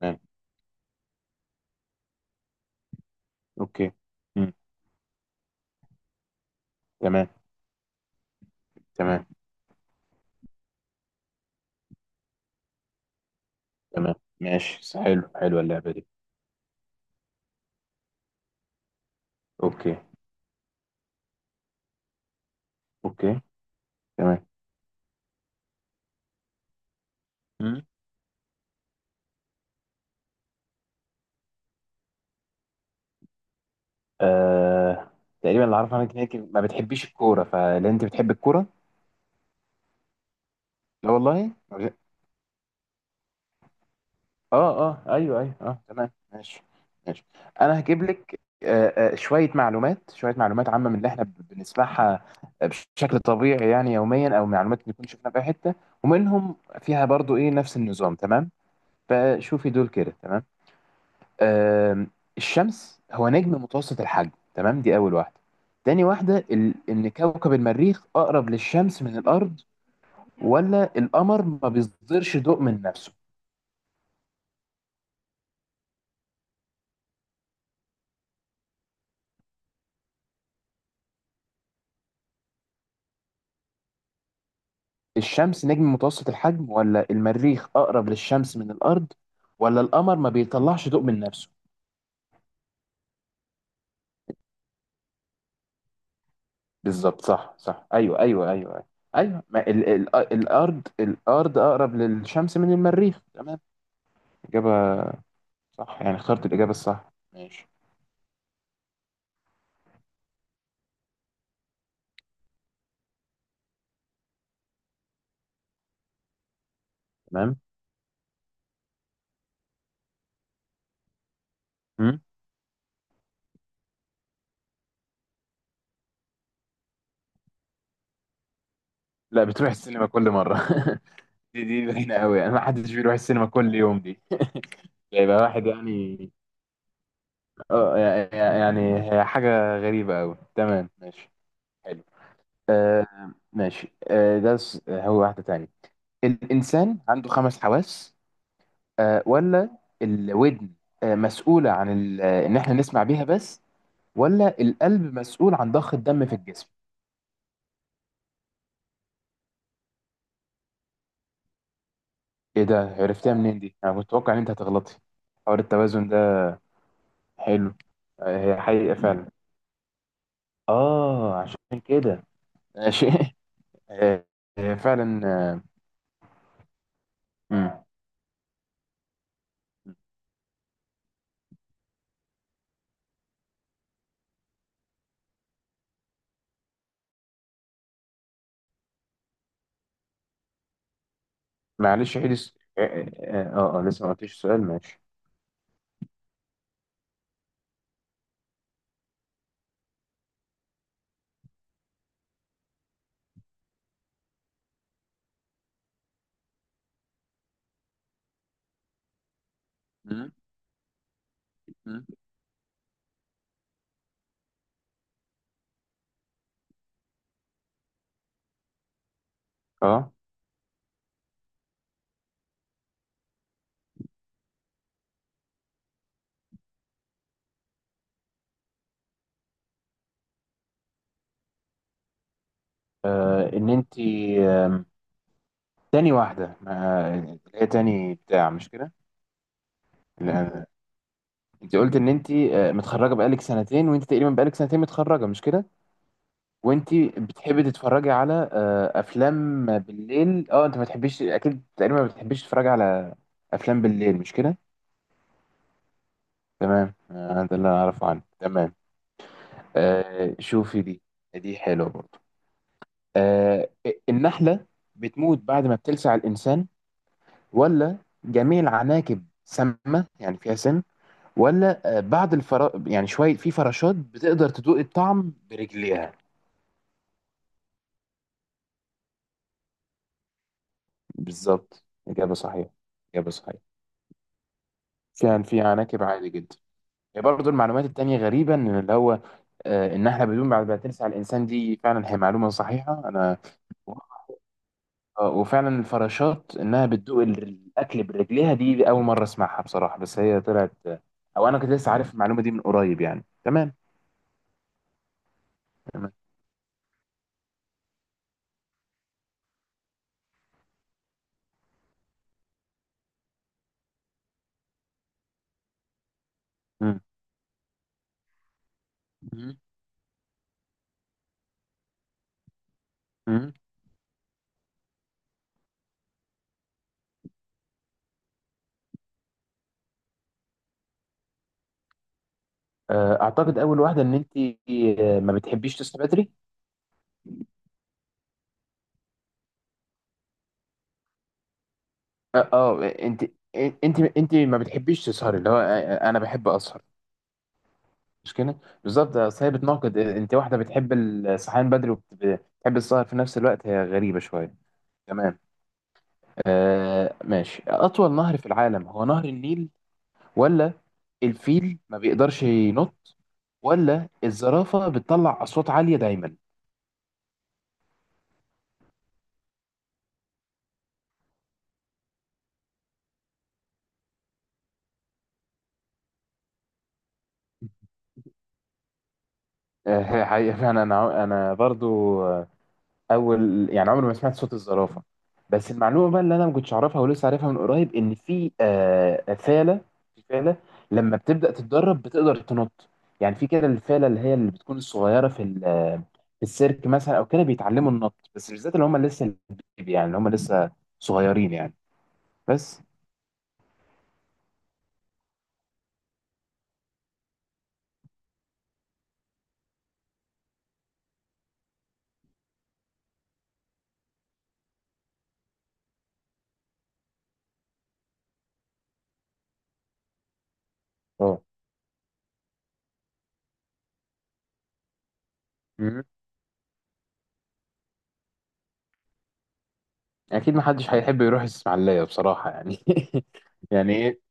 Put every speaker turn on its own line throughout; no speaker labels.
تمام. اوكي. مم. تمام. تمام. تمام. ماشي. حلو، حلوه اللعبه دي. اوكي. اوكي. تمام. مم. آه... تقريبا اللي اعرفه عنك انك ما بتحبيش الكوره، فلا انت بتحب الكوره. لا والله. اه، اه، ايوه، ايوه، اه، تمام، ماشي. ماشي. انا هجيب لك شويه معلومات، شويه معلومات عامه من اللي احنا بنسمعها بشكل طبيعي، يعني يوميا او معلومات نكون شفناها في أي حته، ومنهم فيها برضو ايه نفس النظام، تمام. فشوفي دول كده، تمام. آم، الشمس هو نجم متوسط الحجم، تمام. دي أول واحدة. تاني واحدة إن كوكب المريخ أقرب للشمس من الأرض، ولا القمر ما بيصدرش ضوء من نفسه. الشمس نجم متوسط الحجم، ولا المريخ أقرب للشمس من الأرض، ولا القمر ما بيطلعش ضوء من نفسه. بالظبط، صح صح، أيوه أيوه أيوه أيوه. أيوة. ما ال... ال... الأرض الأرض أقرب للشمس من المريخ، تمام. إجابة صح، يعني اخترت الإجابة الصح، ماشي. تمام. لا، بتروح السينما كل مرة دي باينة قوي، يعني ما حدش بيروح السينما كل يوم دي يبقى واحد يعني. اه، يعني هي حاجة غريبة قوي، تمام ماشي. حلو. آه. ماشي. آه، هو واحدة تانية. الإنسان عنده خمس حواس، آه، ولا الودن آه مسؤولة عن إن إحنا نسمع بيها بس، ولا القلب مسؤول عن ضخ الدم في الجسم. إيه ده؟ عرفتها منين دي؟ أنا كنت متوقع إن أنت هتغلطي، حوار التوازن ده. حلو. آه، هي حقيقة فعلا. اه، عشان كده. ماشي آه. آه، فعلا آه. مم. معلش، عيد الس- اه اه آه، آه، آه، لسه ما قلتش السؤال، ماشي. مم. مم. اه، آه، ان انت آم، تاني واحده، اللي هي تاني بتاع، مش كده؟ لا، انت قلت ان انت متخرجه بقالك سنتين، وانت تقريبا بقالك سنتين متخرجه، مش كده؟ وانت بتحبي تتفرجي على افلام بالليل، اه انت ما تحبيش، اكيد تقريبا ما بتحبيش تتفرجي على افلام بالليل، مش كده؟ تمام. آه، ده اللي انا اعرفه عنه، تمام. آه شوفي دي، دي حلوه برضو. آه. النحله بتموت بعد ما بتلسع الانسان، ولا جميع العناكب سامه يعني فيها سم، ولا آه بعض الفرا يعني شويه في فراشات بتقدر تدوق الطعم برجليها. بالظبط، اجابه صحيحه، اجابه صحيحه. كان في عناكب عادي جدا، هي برضو المعلومات التانية غريبة إن اللي هو آه، النحلة بدون بعد ما تلسع الإنسان دي فعلا هي معلومة صحيحة أنا. آه، وفعلا الفراشات انها بتدوق الاكل برجليها دي اول مره اسمعها بصراحه، بس هي طلعت آه، او انا كنت لسه عارف المعلومه دي من قريب يعني، تمام. تمام. مم. مم. مم. آه، اعتقد اول واحده ان انت آه، ما بتحبيش تصحي بدري. اه، آه، انت ما بتحبيش تسهري، اللي هو آه، آه، انا بحب اسهر، مش كده؟ بالظبط، اصل هي بتناقض، انت واحده بتحب الصحيان بدري وبتحب السهر في نفس الوقت، هي غريبه شويه. تمام. آه ماشي. أطول نهر في العالم هو نهر النيل، ولا الفيل ما بيقدرش ينط، ولا الزرافة بتطلع أصوات عالية دايما. آه حقيقة أنا برضو اول، يعني عمري ما سمعت صوت الزرافه. بس المعلومه بقى اللي انا ما كنتش اعرفها ولسه عارفها من قريب ان في آه فاله. في فاله لما بتبدا تتدرب بتقدر تنط، يعني في كده الفاله اللي هي اللي بتكون الصغيره في في السيرك مثلا او كده بيتعلموا النط، بس بالذات اللي هم لسه البيبي، يعني اللي هم لسه صغيرين يعني بس. اه. مم. اكيد ما حدش هيحب يروح الاسماعيليه بصراحه يعني يعني إيه؟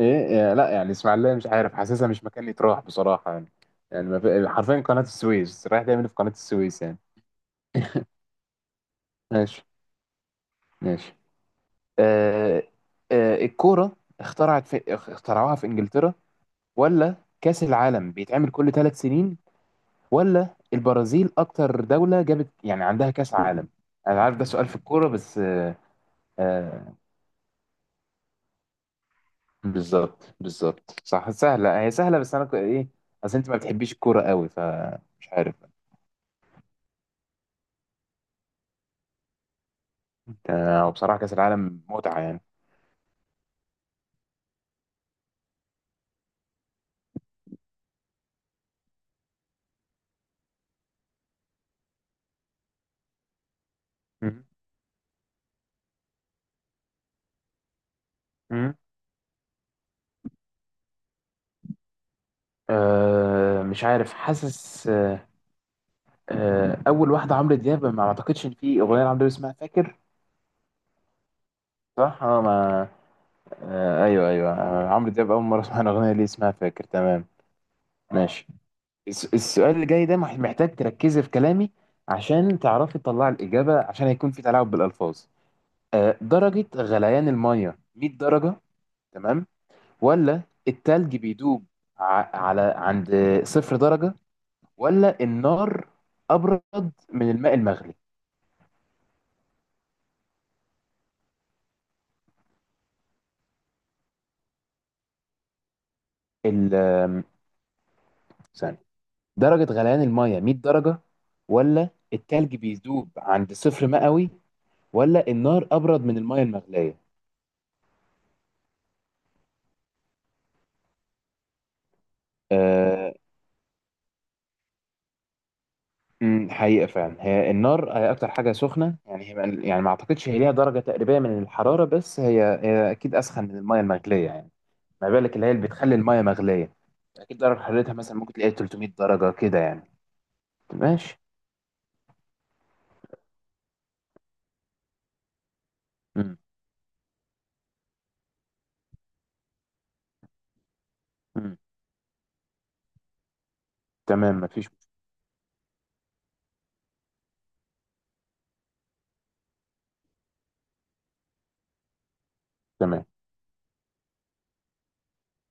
ايه لا يعني اسماعيليه مش عارف، حاسسها مش مكان يتراح بصراحه يعني. يعني ما في- حرفيا قناه السويس، رايح تعمل في قناه السويس يعني. ماشي. ماشي. آه. آه الكوره اخترعت في اخترعوها في انجلترا، ولا كاس العالم بيتعمل كل ثلاث سنين، ولا البرازيل اكتر دوله جابت يعني عندها كاس عالم. انا عارف ده سؤال في الكوره بس آه. آه، بالظبط بالظبط صح، سهله، هي سهله بس انا ايه، اصل انت ما بتحبيش الكوره قوي فمش عارف. آه، وبصراحة كأس العالم متعة يعني. مم. مم. أه مش عارف، حاسس أه، أه، أول واحدة عمرو دياب ما أعتقدش إن في أغنية لعمرو دياب اسمها فاكر. صح؟ أه ما، أه أيوه أيوه، آه، عمرو دياب أول مرة أسمع الأغنية اللي اسمها فاكر، تمام. ماشي. السؤال اللي جاي ده محتاج تركزي في كلامي، عشان تعرفي تطلعي الإجابة، عشان هيكون في تلاعب بالألفاظ. أه، درجة غليان المية 100 درجة، تمام. ولا التلج بيدوب على عند صفر درجة. ولا النار ابرد من الماء المغلي. ال آم، ثانية، درجة غليان المية 100 درجة، ولا التلج بيذوب عند صفر مئوي، ولا النار ابرد من المية المغلية. أه. أمم، حقيقة فعلا هي النار هي أكتر حاجة سخنة يعني هي، يعني ما أعتقدش هي ليها درجة تقريبية من الحرارة بس هي، هي أكيد أسخن من المية المغلية يعني. ما بالك اللي هي اللي بتخلي المية مغلية أكيد درجة حرارتها مثلا ممكن تلاقي 300 درجة كده يعني. ماشي. مم. مم. تمام مفيش. تمام.